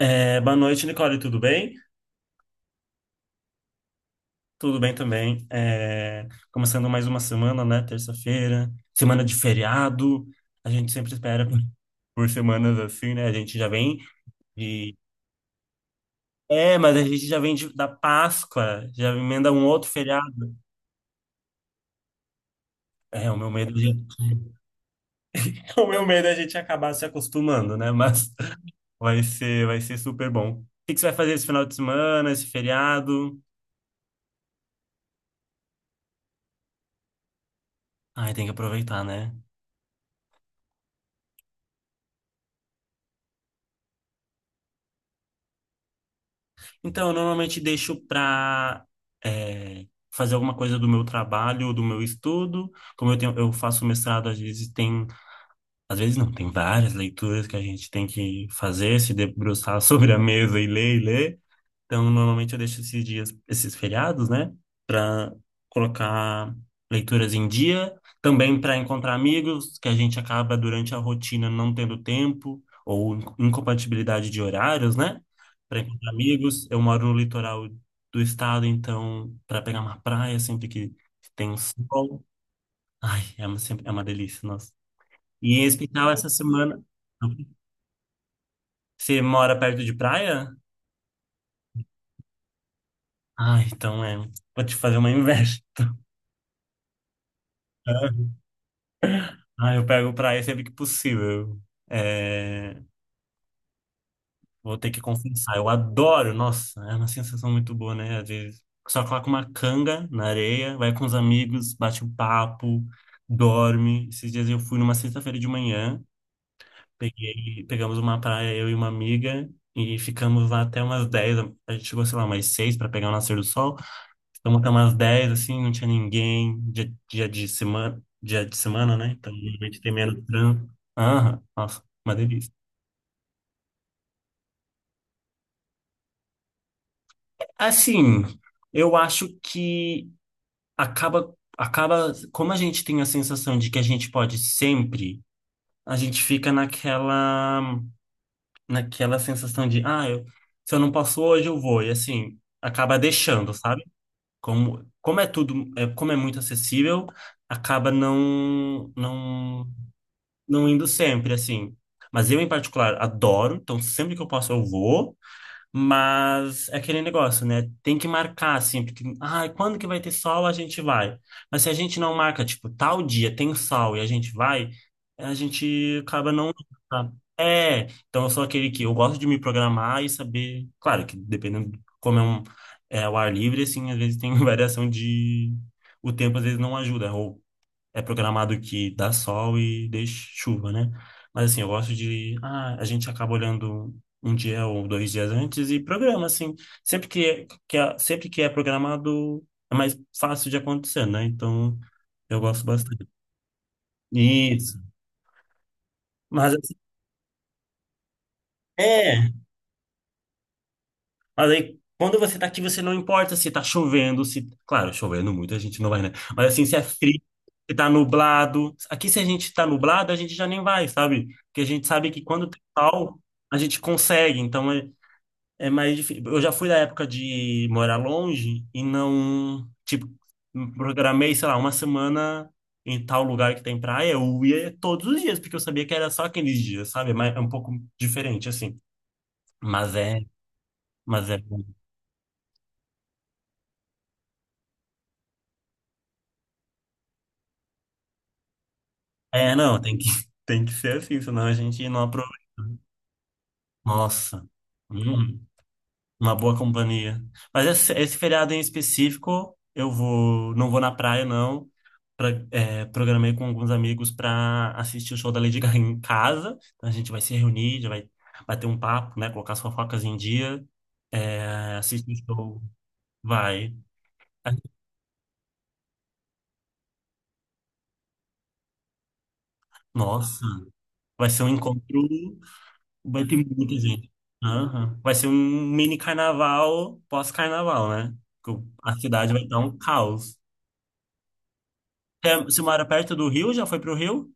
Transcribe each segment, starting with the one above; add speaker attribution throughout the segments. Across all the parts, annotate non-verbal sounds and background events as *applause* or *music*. Speaker 1: É, boa noite, Nicole, tudo bem? Tudo bem também. É, começando mais uma semana, né? Terça-feira, semana de feriado. A gente sempre espera por semanas assim, né? A gente já vem de. É, mas a gente já vem da Páscoa, já emenda um outro feriado. É, o meu medo é a gente, *laughs* o meu medo é a gente acabar se acostumando, né? Mas vai ser super bom. O que que você vai fazer esse final de semana, esse feriado? Ai, tem que aproveitar, né? Então, eu normalmente deixo para fazer alguma coisa do meu trabalho, ou do meu estudo. Como eu tenho, eu faço mestrado, às vezes tem, às vezes não, tem várias leituras que a gente tem que fazer, se debruçar *laughs* sobre a mesa e ler e ler. Então, normalmente eu deixo esses dias, esses feriados, né, para colocar leituras em dia, também para encontrar amigos que a gente acaba durante a rotina não tendo tempo ou incompatibilidade de horários, né? Para encontrar amigos, eu moro no litoral do estado, então para pegar uma praia sempre que tem um sol, ai, é uma delícia, nossa. E em especial essa semana, você mora perto de praia? Ah, então é, vou te fazer uma inveja. Ah, eu pego praia sempre que possível. É, vou ter que confessar. Eu adoro, nossa, é uma sensação muito boa, né? Às vezes só coloca uma canga na areia, vai com os amigos, bate um papo, dorme. Esses dias eu fui numa sexta-feira de manhã, pegamos uma praia, eu e uma amiga, e ficamos lá até umas dez. A gente chegou, sei lá, umas 6 para pegar o nascer do sol. Então, até umas 10 assim, não tinha ninguém. Dia de semana, né? Então, normalmente tem menos trânsito. Aham, nossa, uma delícia. Assim, eu acho que acaba, como a gente tem a sensação de que a gente pode sempre, a gente fica naquela sensação de, se eu não posso hoje, eu vou. E assim, acaba deixando, sabe? Como é tudo, como é muito acessível, acaba não indo sempre, assim. Mas eu, em particular, adoro, então sempre que eu posso eu vou. Mas é aquele negócio, né? Tem que marcar, assim, porque, ah, quando que vai ter sol, a gente vai. Mas se a gente não marca, tipo, tal dia tem sol e a gente vai, a gente acaba não indo, sabe? É, então eu sou aquele que eu gosto de me programar e saber. Claro que dependendo de como é, é o ar livre, assim, às vezes tem *laughs* variação de. O tempo às vezes não ajuda, ou é programado que dá sol e deixa chuva, né? Mas assim, eu gosto de. Ah, a gente acaba olhando um dia ou dois dias antes e programa, assim. Sempre que sempre que é programado, é mais fácil de acontecer, né? Então, eu gosto bastante. Isso. Mas assim, é. Mas aí, quando você tá aqui, você não importa se tá chovendo, se... Claro, chovendo muito, a gente não vai, né? Mas assim, se é frio, se tá nublado... Aqui, se a gente tá nublado, a gente já nem vai, sabe? Porque a gente sabe que quando tem sol, a gente consegue. Então, é mais difícil. Eu já fui da época de morar longe e não... Tipo, programei, sei lá, uma semana em tal lugar que tem praia. Eu ia todos os dias, porque eu sabia que era só aqueles dias, sabe? Mas é um pouco diferente, assim. Mas é... Mas é... É, não, tem que, *laughs* tem que ser assim, senão a gente não aproveita. Nossa, hum, uma boa companhia. Mas esse feriado em específico, não vou na praia, não. Programei com alguns amigos para assistir o show da Lady Gaga em casa. Então a gente vai se reunir, já vai bater um papo, né? Colocar as fofocas em dia. É, assistir o show. Vai. Nossa, vai ser um encontro. Vai ter muita gente. Aham. Vai ser um mini carnaval pós-carnaval, né? A cidade vai estar um caos. É, você mora perto do Rio? Já foi pro Rio?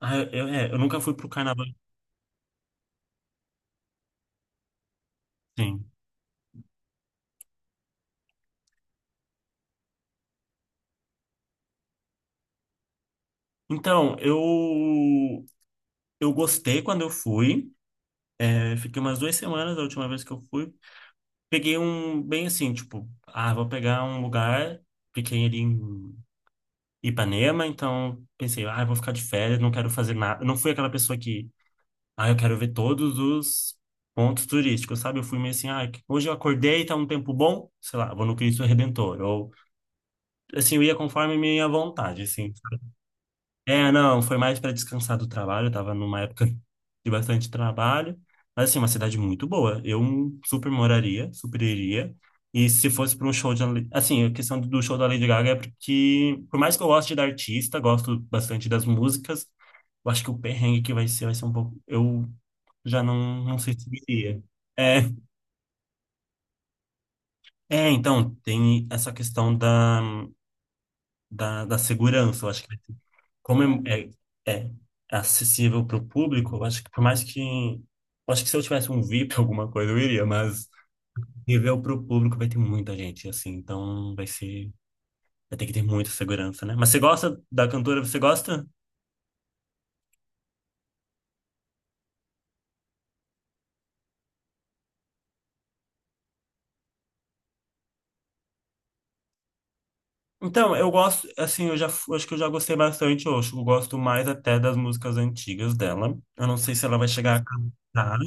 Speaker 1: Ah, eu nunca fui pro carnaval. Sim. Então, eu gostei quando eu fui. É, fiquei umas 2 semanas da última vez que eu fui. Peguei um, bem assim, tipo, ah, vou pegar um lugar. Fiquei ali em Ipanema, então pensei, ah, vou ficar de férias, não quero fazer nada. Eu não fui aquela pessoa que, ah, eu quero ver todos os pontos turísticos, sabe? Eu fui meio assim, ah, hoje eu acordei, tá um tempo bom, sei lá, vou no Cristo Redentor. Ou, assim, eu ia conforme minha vontade, assim, sabe? É, não, foi mais para descansar do trabalho, eu tava numa época *laughs* de bastante trabalho. Mas, assim, uma cidade muito boa. Eu super moraria, super iria. E se fosse para um show de... Assim, a questão do show da Lady Gaga é porque, por mais que eu goste da artista, gosto bastante das músicas, eu acho que o perrengue que vai ser um pouco. Eu já não sei se iria. É, então, tem essa questão da segurança. Eu acho que, como é acessível para o público, eu acho que, por mais que. Eu acho que se eu tivesse um VIP, *laughs* alguma coisa, eu iria, mas nível para o público vai ter muita gente, assim, então vai ser. Vai ter que ter muita segurança, né? Mas você gosta da cantora? Você gosta? Então, eu gosto, assim, eu já acho que eu já gostei bastante, eu acho que eu gosto mais até das músicas antigas dela. Eu não sei se ela vai chegar a cantar.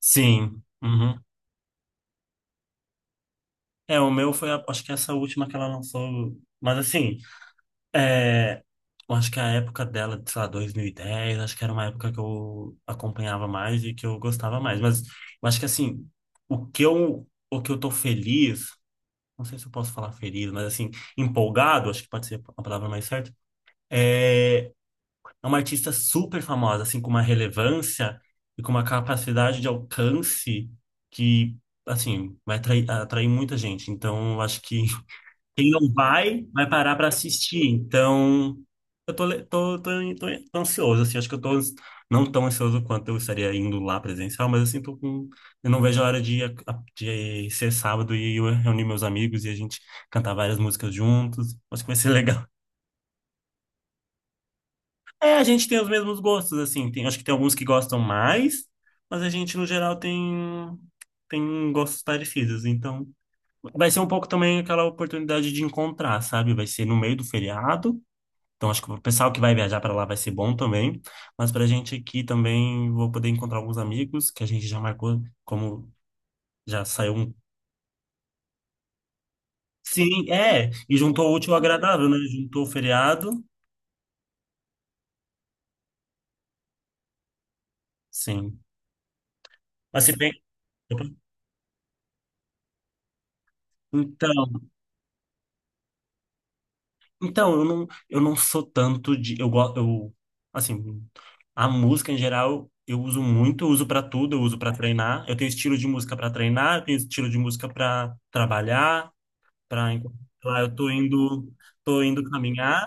Speaker 1: Sim. Uhum. É, o meu foi, acho que essa última que ela lançou. Mas assim, é, eu acho que a época dela, sei lá, 2010 acho que era uma época que eu acompanhava mais e que eu gostava mais. Mas eu acho que assim, o que eu tô feliz, não sei se eu posso falar feliz, mas assim, empolgado, acho que pode ser a palavra mais certa, é é uma artista super famosa, assim, com uma relevância e com uma capacidade de alcance que, assim, vai atrair muita gente. Então, eu acho que *laughs* quem não vai, vai parar para assistir. Então, eu tô, le- tô, tô, tô, tô ansioso, assim, acho que eu tô ans- não tão ansioso quanto eu estaria indo lá presencial, mas, assim, tô com... Eu não vejo a hora de, de ser sábado e eu reunir meus amigos e a gente cantar várias músicas juntos. Acho que vai ser *laughs* legal. É, a gente tem os mesmos gostos, assim. Tem, acho que tem alguns que gostam mais, mas a gente, no geral, tem gostos parecidos. Então, vai ser um pouco também aquela oportunidade de encontrar, sabe? Vai ser no meio do feriado. Então, acho que o pessoal que vai viajar para lá vai ser bom também. Mas pra gente aqui também, vou poder encontrar alguns amigos que a gente já marcou, como já saiu um. Sim, é. E juntou o útil ao agradável, né? Juntou o feriado. Sim. Mas se bem. Opa. Então. Então, eu não sou tanto de. Eu, assim, a música em geral eu uso muito, eu uso pra tudo, eu uso pra treinar. Eu tenho estilo de música pra treinar, eu tenho estilo de música pra trabalhar, para lá tô indo caminhar.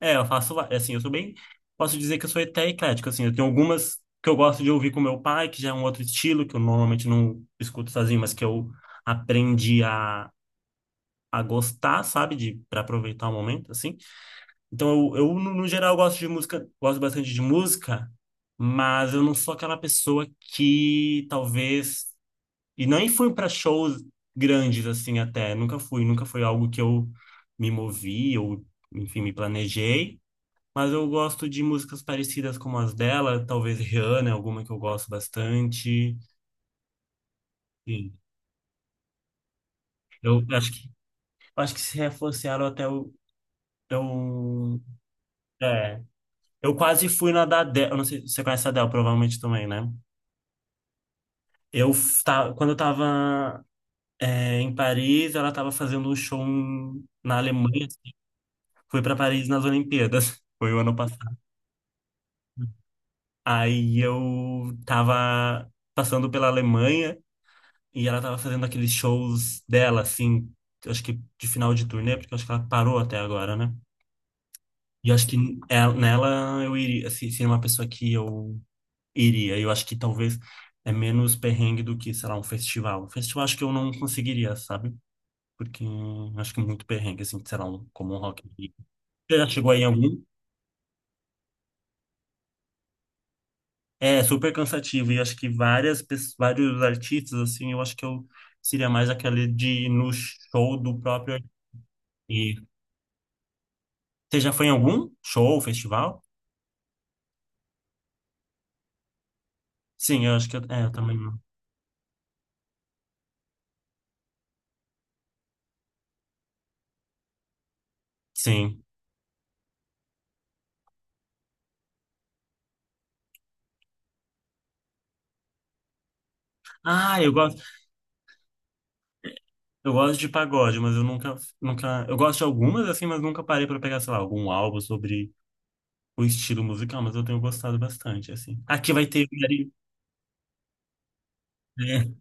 Speaker 1: É, eu assim, eu sou bem, posso dizer que eu sou até eclético, assim, eu tenho algumas que eu gosto de ouvir com meu pai, que já é um outro estilo que eu normalmente não escuto sozinho, mas que eu aprendi a gostar, sabe, de para aproveitar o momento, assim. Então, eu no, no geral, gosto de música, gosto bastante de música, mas eu não sou aquela pessoa que talvez. E nem fui para shows grandes, assim, até. Nunca fui, nunca foi algo que eu me movi ou, enfim, me planejei. Mas eu gosto de músicas parecidas como as dela, talvez Rihanna, é alguma que eu gosto bastante. Sim. Eu acho que, eu acho que se reforçaram até o. Eu, é. Eu quase fui na da Adele. Eu não sei se você conhece a Adele, provavelmente também, né? Quando eu estava em Paris, ela estava fazendo um show na Alemanha, assim. Fui para Paris nas Olimpíadas. *laughs* Foi o ano passado. Aí eu estava passando pela Alemanha e ela estava fazendo aqueles shows dela, assim, eu acho que de final de turnê, porque eu acho que ela parou até agora, né? E eu acho que nela eu iria, assim, seria uma pessoa que eu iria. Eu acho que talvez é menos perrengue do que, sei lá, um festival. Um festival acho que eu não conseguiria, sabe? Porque acho que é muito perrengue, assim, sei lá, como um Rock in Rio. Você já chegou aí em algum? É super cansativo. E acho que vários artistas, assim, eu acho que eu seria mais aquele de ir no show do próprio artista. Você já foi em algum show, festival? Sim, eu acho que eu também não. Sim. Ah, eu gosto de pagode, mas eu nunca, nunca. Eu gosto de algumas, assim, mas nunca parei para pegar, sei lá, algum álbum sobre o estilo musical, mas eu tenho gostado bastante, assim. Aqui vai ter. É,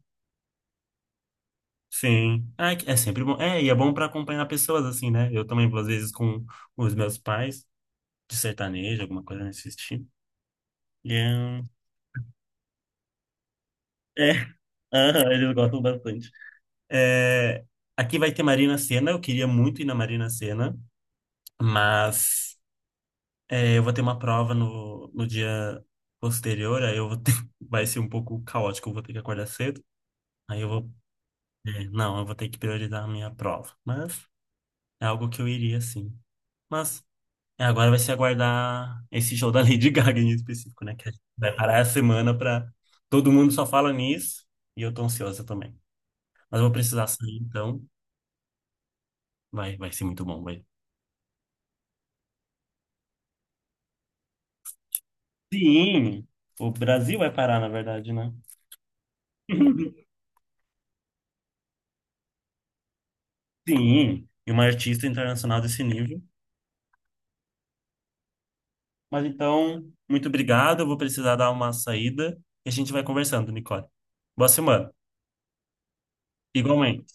Speaker 1: sim. Ah, é sempre bom. É, e é bom para acompanhar pessoas assim, né? Eu também vou às vezes com os meus pais de sertanejo, alguma coisa nesse estilo. E é, um, é, *laughs* aham, eles gostam bastante. É, aqui vai ter Marina Sena, eu queria muito ir na Marina Sena, mas é, eu vou ter uma prova no dia posterior, aí eu vou ter, *laughs* vai ser um pouco caótico, eu vou ter que acordar cedo. Aí eu vou, é, não, eu vou ter que priorizar a minha prova, mas é algo que eu iria sim. Mas é, agora vai se aguardar esse show da Lady Gaga em específico, né? Que a gente vai parar a semana pra. Todo mundo só fala nisso e eu tô ansiosa também. Mas eu vou precisar sair, então vai ser muito bom. Vai. Sim, o Brasil vai parar, na verdade, né? *laughs* Sim, e uma artista internacional desse nível. Mas então, muito obrigado. Eu vou precisar dar uma saída e a gente vai conversando, Nicole. Boa semana. Igualmente.